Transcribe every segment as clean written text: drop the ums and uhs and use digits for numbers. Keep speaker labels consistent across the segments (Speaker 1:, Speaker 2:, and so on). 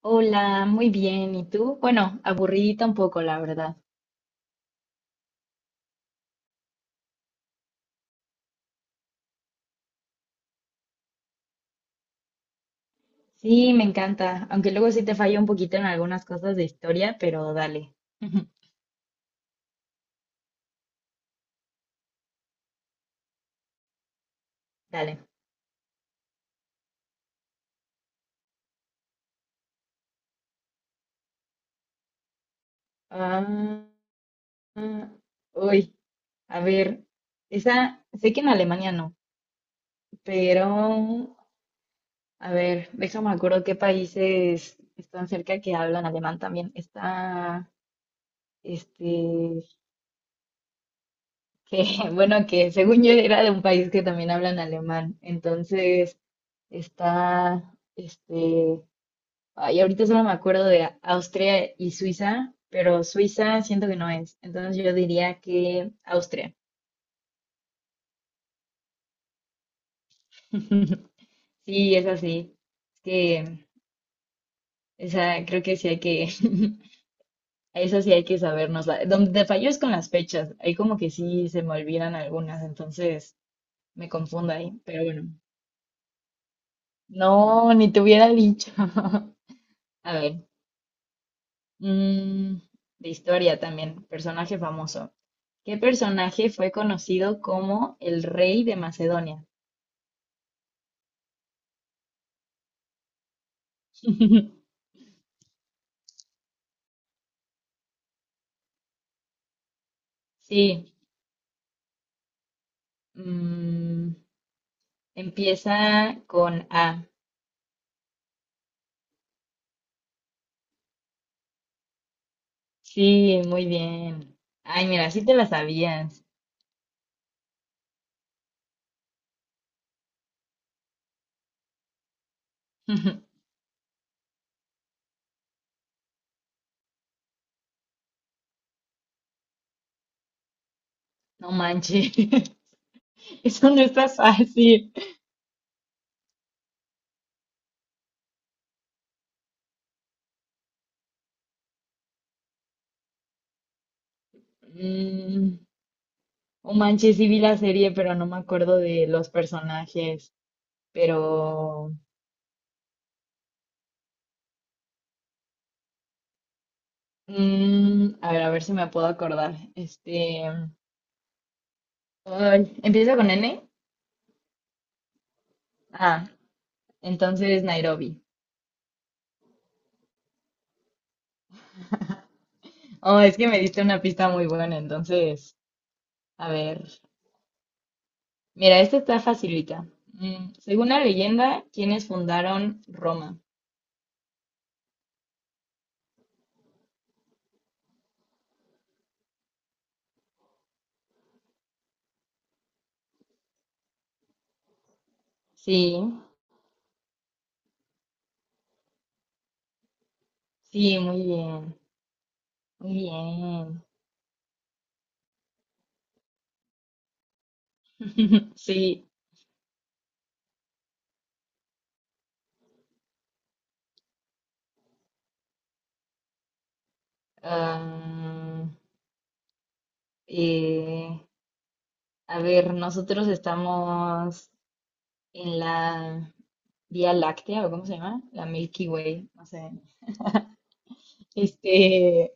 Speaker 1: Hola, muy bien. ¿Y tú? Bueno, aburridita un poco, la verdad. Sí, me encanta. Aunque luego sí te fallo un poquito en algunas cosas de historia, pero dale. Dale. Ah, ah, uy, a ver. Esa, sé que en Alemania no, pero a ver, déjame acuerdo qué países están cerca que hablan alemán también. Este, que, bueno, que según yo era de un país que también hablan alemán. Entonces. Está, este, ay, ahorita solo me acuerdo de Austria y Suiza, pero Suiza siento que no es. Entonces yo diría que Austria. Sí, es así. Es que esa creo que sí hay que, a esa sí hay que sabernosla. Donde te fallo es con las fechas. Ahí como que sí se me olvidan algunas, entonces me confundo ahí. Pero bueno, no, ni te hubiera dicho. A ver, mm, de historia también, personaje famoso. ¿Qué personaje fue conocido como el rey de Macedonia? Sí, mm, empieza con A. Sí, muy bien. Ay, mira, sí te la sabías. No manches, eso no está fácil. Mm, oh manches, sí vi la serie, pero no me acuerdo de los personajes. Pero, a ver si me puedo acordar. Ay, empieza con N. Ah, entonces Nairobi. Oh, es que me diste una pista muy buena, entonces, a ver. Mira, esta está facilita. Mm, según la leyenda, ¿quiénes fundaron Roma? Sí, sí, muy bien, muy bien. Sí, ah, eh, a ver, nosotros estamos en la Vía Láctea, ¿o cómo se llama? La Milky Way, no sé. Este,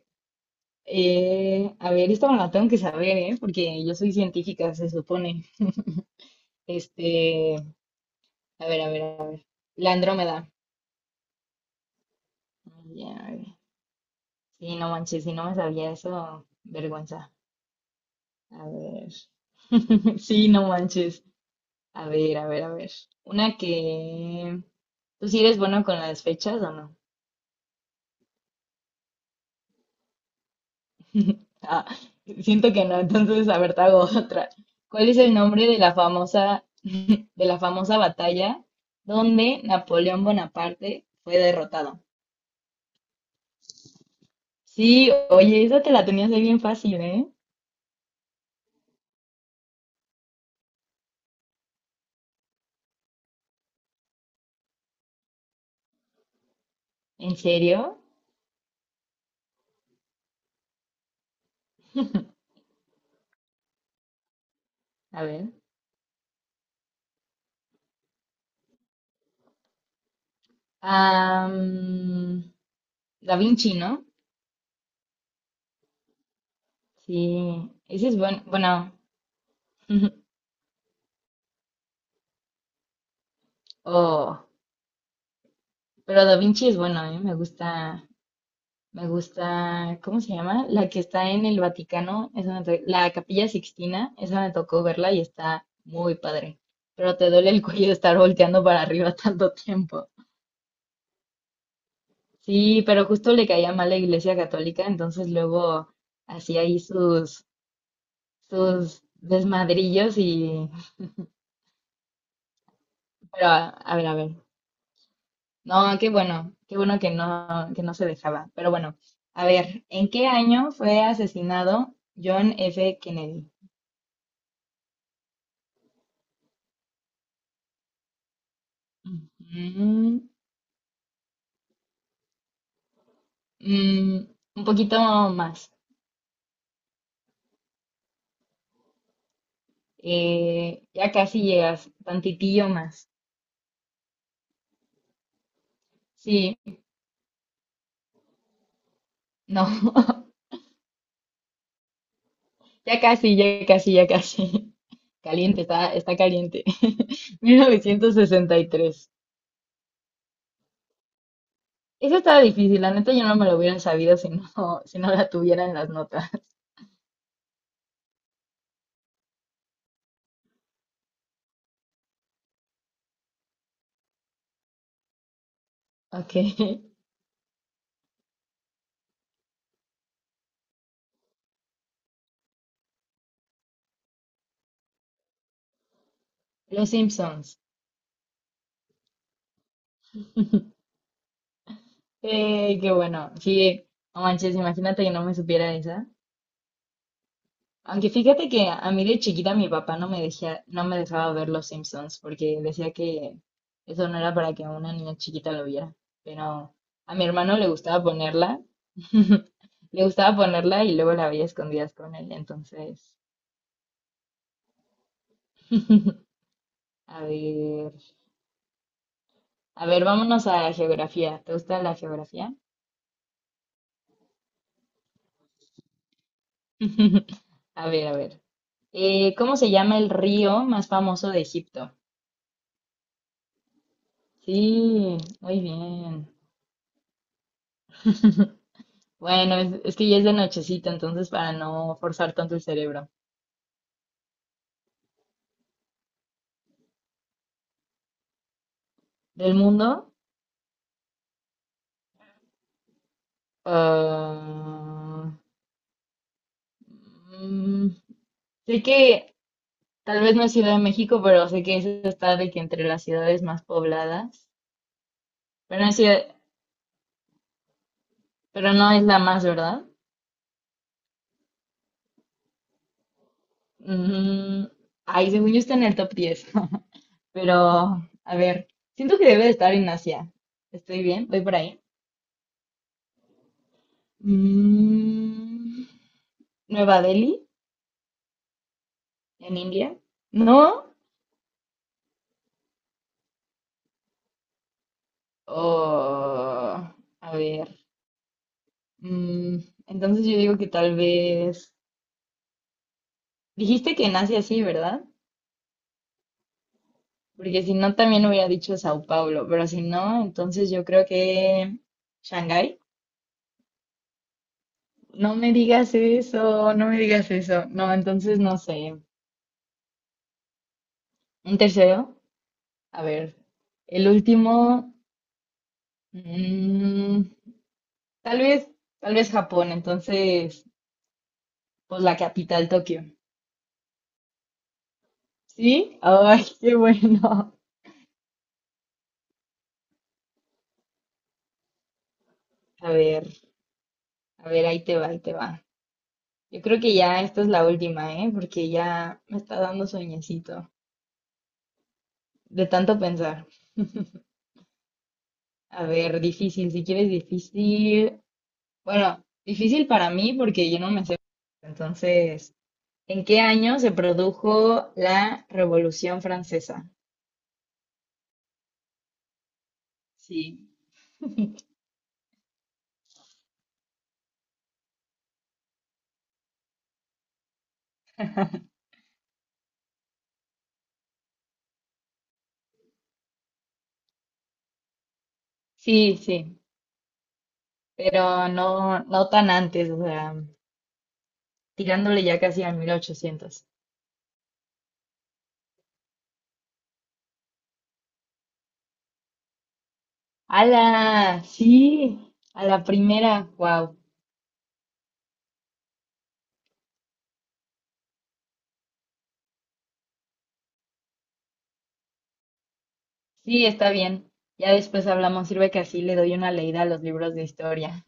Speaker 1: a ver, esta me la tengo que saber, ¿eh? Porque yo soy científica, se supone. Este, a ver, a ver, a ver. La Andrómeda. Ya, sí, no manches, si no me sabía eso, vergüenza. A ver. Sí, no manches. A ver, a ver, a ver. Una que... ¿Tú sí eres bueno con las fechas o no? Ah, siento que no, entonces, a ver, te hago otra. ¿Cuál es el nombre de de la famosa batalla donde Napoleón Bonaparte fue derrotado? Sí, oye, esa te la tenías ahí bien fácil, ¿eh? ¿En serio? A ver. Ah, mm, Da Vinci, ¿no? Sí, ese es bueno, bueno, oh, pero Da Vinci es bueno, ¿eh? Me gusta, ¿cómo se llama? La que está en el Vaticano, esa la Capilla Sixtina, esa me tocó verla y está muy padre, pero te duele el cuello estar volteando para arriba tanto tiempo. Sí, pero justo le caía mal la Iglesia Católica, entonces luego hacía ahí sus desmadrillos y... Pero, a ver. No, qué bueno que no se dejaba. Pero bueno, a ver, ¿en qué año fue asesinado John F. Kennedy? Ujú, mm, un poquito más. Eh, ya casi llegas, tantitillo más. Sí, no, ya casi, ya casi, ya casi. Caliente, está, está caliente. 1963. Eso estaba difícil, la neta yo no me lo hubiera sabido si no, si no la tuviera en las notas. Ok. Los Simpsons. Qué bueno. Sí, no manches, imagínate que no me supiera esa. Aunque fíjate que a mí de chiquita mi papá no me dejaba ver Los Simpsons porque decía que eso no era para que una niña chiquita lo viera. Pero a mi hermano le gustaba ponerla, le gustaba ponerla y luego la veía a escondidas con él. Entonces, a ver, a ver, vámonos a geografía. ¿Te gusta la geografía? A ver, a ver. ¿Cómo se llama el río más famoso de Egipto? Sí, muy bien. Bueno, es que ya es de nochecita, entonces para no forzar tanto el cerebro. ¿Del mundo? ah, mm, Sé que tal vez no es Ciudad de México, pero sé que eso está de que entre las ciudades más pobladas. Pero no es, ciudad- pero no es la más, ¿verdad? Mm, ay, según yo está en el top 10. Pero, a ver, siento que debe de estar en Asia. ¿Estoy bien? ¿Voy por ahí? Mm, ¿Nueva Delhi? ¿En India? ¿No? Oh, a ver. mm, entonces yo digo que tal vez... Dijiste que nace así, ¿verdad? Porque si no, también hubiera dicho Sao Paulo, pero si no, entonces yo creo que... ¿Shanghái? No me digas eso, no me digas eso. No, entonces no sé. ¿Un tercero? A ver. El último... mm, tal vez, Tal vez Japón, entonces, pues la capital, Tokio. ¿Sí? Ay, qué bueno. A ver, a ver, ahí te va, ahí te va. Yo creo que ya esta es la última, ¿eh? Porque ya me está dando sueñecito de tanto pensar. A ver, difícil, si quieres difícil. Bueno, difícil para mí porque yo no me sé. Entonces, ¿en qué año se produjo la Revolución Francesa? Sí, sí, pero no, no tan antes, o sea, tirándole ya casi al 1800. ¡Hala! Sí, a la primera, wow. Sí, está bien. Ya después hablamos. Sirve que así le doy una leída a los libros de historia.